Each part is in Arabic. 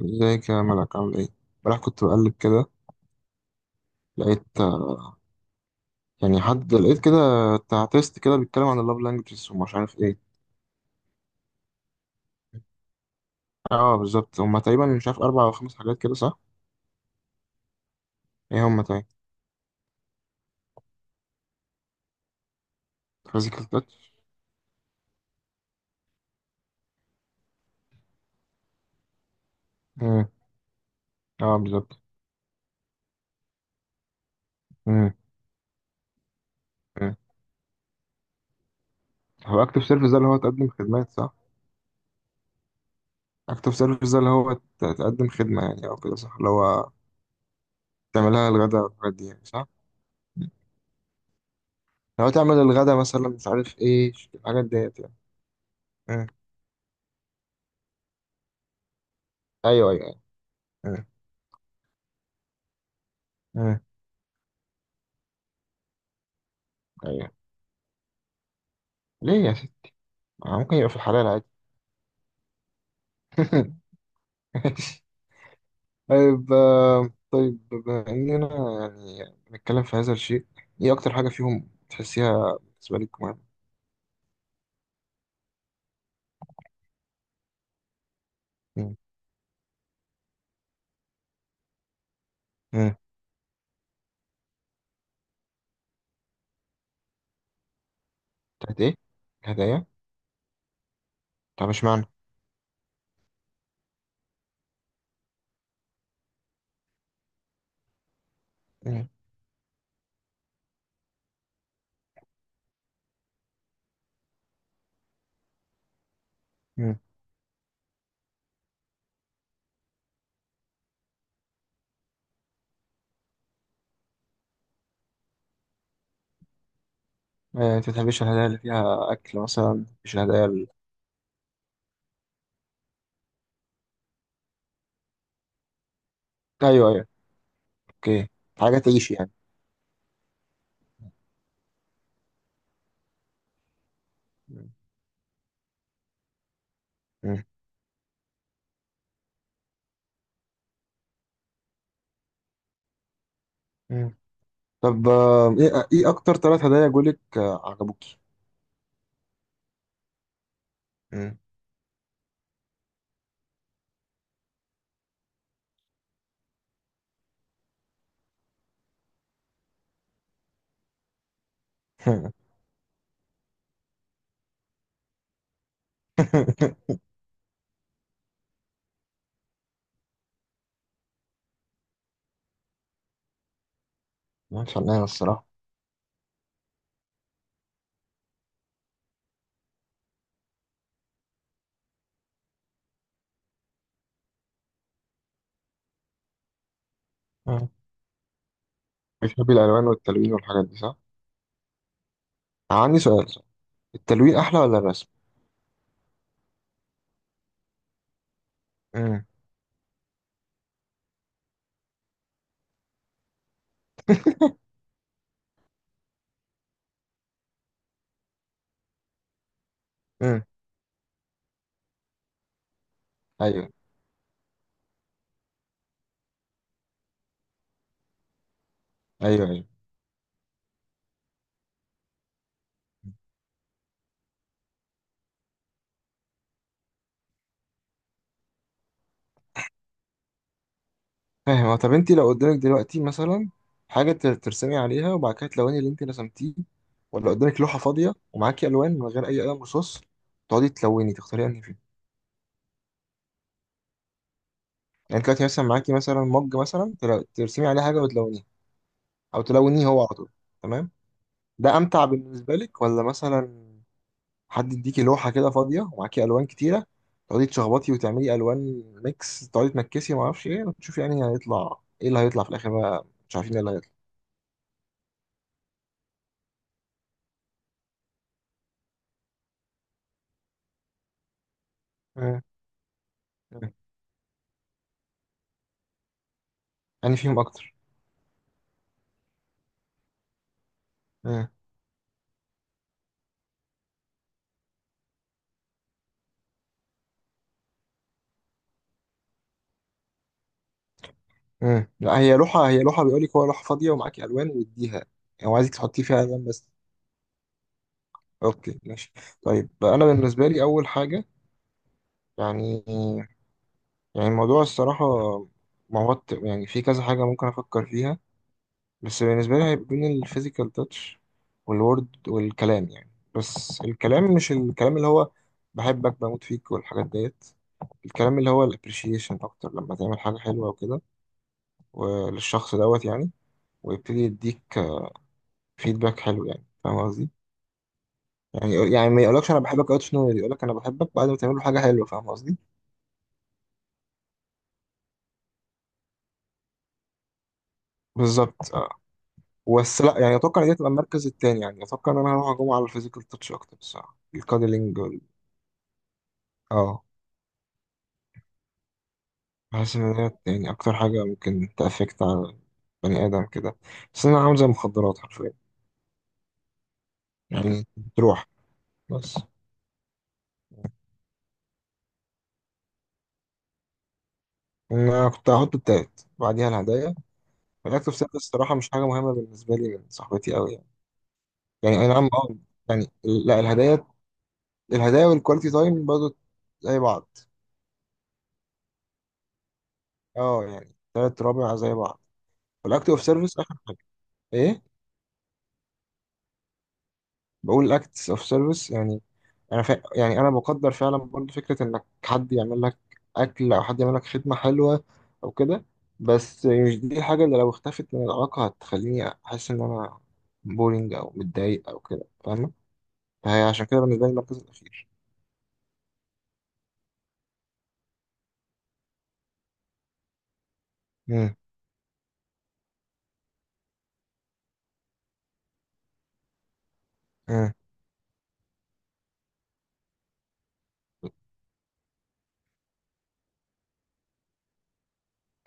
ازيك يا ملك، عامل ايه؟ امبارح كنت بقلب كده، لقيت يعني حد لقيت كده، بتاع تيست كده بيتكلم عن اللاف لانجوجز ومش عارف ايه. اه بالظبط، هما تقريبا مش عارف اربع او خمس حاجات كده، صح؟ ايه هما تاني؟ فيزيكال تاتش. اه بالظبط. مم. مم. هو اكتف سيرفيس ده اللي هو تقدم خدمات، صح؟ اكتف سيرفيس ده اللي هو تقدم خدمة يعني او كده، صح؟ اللي هو تعملها الغدا والحاجات دي يعني، صح؟ مم. لو تعمل الغدا مثلا، مش عارف ايه الحاجات ديت يعني. مم. ايوه ايوه ايوه. مم. مم. ايوه. ليه يا؟ ممكن يبقى في الحلال عادي. ماشي. طيب بما إننا يعني بنتكلم في هذا الشيء، إيه أكتر حاجة فيهم تحسيها بالنسبة لك مهمة؟ مم. مم. بتاعت إيه؟ الهدايا؟ طب اشمعنى؟ مم. مم. أنت بتحبش الهدايا اللي فيها أكل مثلا؟ مش الهدايا اللي... أيوه أيوه. أوكي. حاجة تعيش يعني. مم. مم. مم. طب إيه أكتر 3 هدايا جولك عجبوكي؟ مم. مش علينا الصراحة. بتحبي الالوان والتلوين والحاجات دي، صح؟ عندي سؤال، صح؟ التلوين احلى ولا الرسم؟ امم. امم. ايوه ايوه ايوه. فاهم. هو طب انت لو قدامك دلوقتي مثلا حاجه، ترسمي عليها وبعد كده تلوني اللي انت رسمتيه، ولا قدامك لوحه فاضيه ومعاكي الوان من غير اي قلم رصاص، تقعدي تلوني، تختاري انهي فيهم؟ يعني انت دلوقتي مثلا معاكي مثلا مج مثلا ترسمي عليه حاجه وتلونيه، او تلونيه هو على طول. تمام. ده امتع بالنسبه لك ولا مثلا حد يديكي لوحه كده فاضيه ومعاكي الوان كتيره، تقعدي تشخبطي وتعملي الوان ميكس، تقعدي تنكسي وما اعرفش ايه، وتشوفي يعني هيطلع ايه اللي هيطلع في الاخر، بقى مش عارفين ايه اللي هيطلع؟ مم. انا فيهم اكتر؟ مم. مم. لا، هي لوحه بيقول لك هو، لوحه فاضيه ومعاكي الوان واديها. يعني هو عايزك تحطي فيها الوان بس. اوكي ماشي. طيب انا بالنسبه لي اول حاجه، يعني، يعني الموضوع الصراحه موت، يعني في كذا حاجه ممكن افكر فيها. بس بالنسبة لي هيبقى بين الفيزيكال تاتش والورد والكلام يعني. بس الكلام، مش الكلام اللي هو بحبك بموت فيك والحاجات ديت، الكلام اللي هو الابريشيشن اكتر، لما تعمل حاجة حلوة وكده وللشخص دوت يعني، ويبتدي يديك فيدباك حلو يعني، فاهم قصدي؟ يعني ما يقولكش انا بحبك اوت نو، يقولك انا بحبك بعد ما تعمل له حاجة حلوة، فاهم قصدي؟ بالظبط اه. بس لا يعني، اتوقع ان دي تبقى المركز التاني. يعني اتوقع ان انا هروح اجوم على الفيزيكال تاتش اكتر بصراحة، الكادلينج وال... اه بحس إن هي يعني أكتر حاجة ممكن تأفكت على بني آدم كده. بس أنا عامل زي المخدرات حرفيا، يعني تروح. بس أنا كنت هحط التالت بعديها الهدايا، والأكل في سنة الصراحة مش حاجة مهمة بالنسبة لي من صاحبتي أوي يعني. يعني أي نعم أه، يعني لا، الهدايا، الهدايا والكواليتي تايم برضه زي بعض. أه يعني تلات رابع زي بعض. والأكل أوف سيرفيس آخر حاجة. إيه؟ بقول acts of service يعني. انا يعني انا بقدر فعلا برضو فكره انك حد يعمل لك اكل، او حد يعمل لك خدمه حلوه او كده، بس مش دي الحاجه اللي لو اختفت من العلاقه هتخليني احس ان انا بورينج او متضايق او كده، فاهمه؟ فهي عشان كده بالنسبه لي المركز الاخير. امم. امم.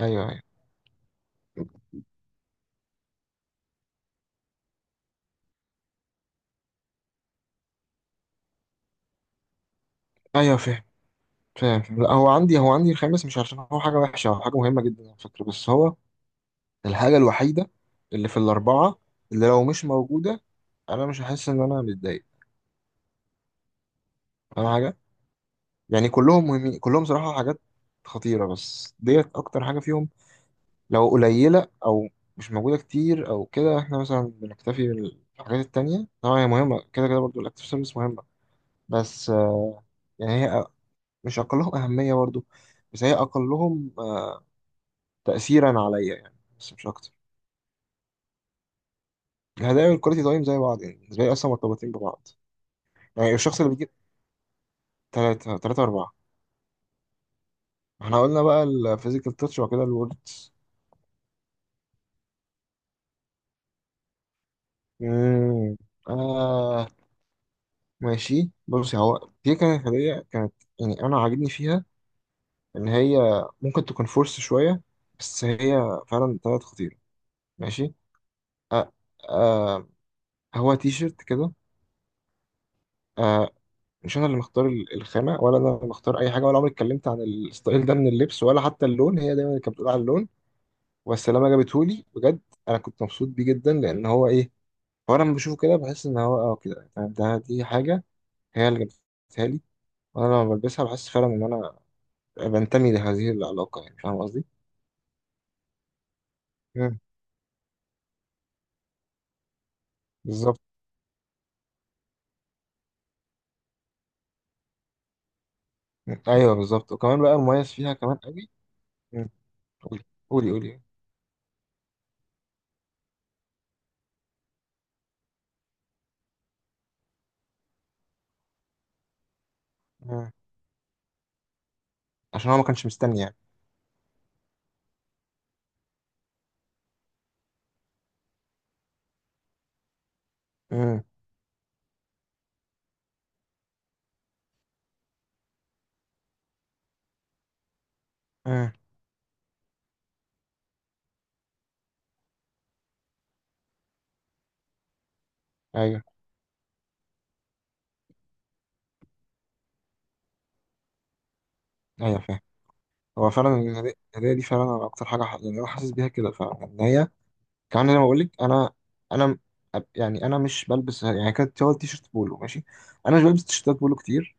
ايوه ايوه ايوه. فاهم. فاهم. لا، هو عندي الخامس مش عشان هو حاجه وحشه، هو حاجه مهمه جدا على فكره، بس هو الحاجة الوحيدة اللي في الأربعة، اللي لو مش موجودة أنا مش هحس إن أنا متضايق، فاهم حاجة؟ يعني كلهم مهمين، كلهم صراحة حاجات خطيرة، بس ديت أكتر حاجة فيهم لو قليلة أو مش موجودة كتير أو كده، إحنا مثلا بنكتفي بالحاجات التانية. طبعا هي مهمة كده كده، برضه الأكتيف سيرفيس مهمة، بس يعني هي مش أقلهم أهمية برضه، بس هي أقلهم تأثيرا عليا يعني، بس مش أكتر. الهدايا والكواليتي تايم زي بعض، يعني بالنسبة لي أصلا مرتبطين ببعض، يعني الشخص اللي بيجيب. تلاتة، تلاتة أربعة. احنا قلنا بقى الفيزيكال تاتش وبعد كده الوردز. مم. آه ماشي، بصي، هو دي كانت هدية كانت، يعني أنا عاجبني فيها إن هي ممكن تكون فورس شوية، بس هي فعلا طلعت خطيرة. ماشي. آه آه. هو تي شيرت كده، آه، مش أنا اللي مختار الخامة ولا أنا اللي مختار أي حاجة، ولا عمري اتكلمت عن الستايل ده من اللبس ولا حتى اللون، هي دايما اللي كانت بتقول على اللون، والسلامة جابتهولي بجد. أنا كنت مبسوط بيه جدا، لأن هو إيه، فانا لما بشوفه كده بحس ان هو كده يعني، ده دي حاجه هي اللي جابتها لي، وانا لما بلبسها بحس فعلا ان انا بنتمي لهذه العلاقه يعني، فاهم قصدي؟ مم. بالظبط. مم. ايوه بالظبط، وكمان بقى المميز فيها كمان قوي. مم. قولي قولي قولي. مم. عشان هو ما كانش مستني يعني. مم. مم. ايوه ايوه فاهم. هو فعلا الهدايا دي فعلا انا اكتر حاجه، يعني انا حاسس بيها كده فعلا ان هي، كمان زي ما بقول لك، انا انا م- يعني انا مش بلبس، يعني كانت هو التيشيرت بولو ماشي، انا مش بلبس تيشيرتات بولو كتير،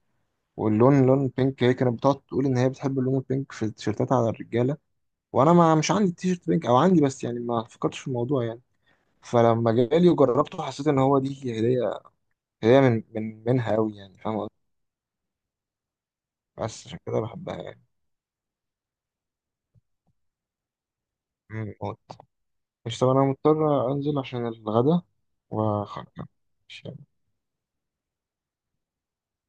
واللون لون بينك، هي كانت بتقعد تقول ان هي بتحب اللون البينك في التيشيرتات على الرجاله، وانا ما مش عندي تيشيرت بينك، او عندي بس يعني ما فكرتش في الموضوع يعني، فلما جالي وجربته حسيت ان هو دي هي هديه، هديه من من منها قوي يعني، فاهم قصدي؟ بس عشان كده بحبها يعني. مم، موت. مش طب انا مضطر انزل عشان الغدا وخلاص.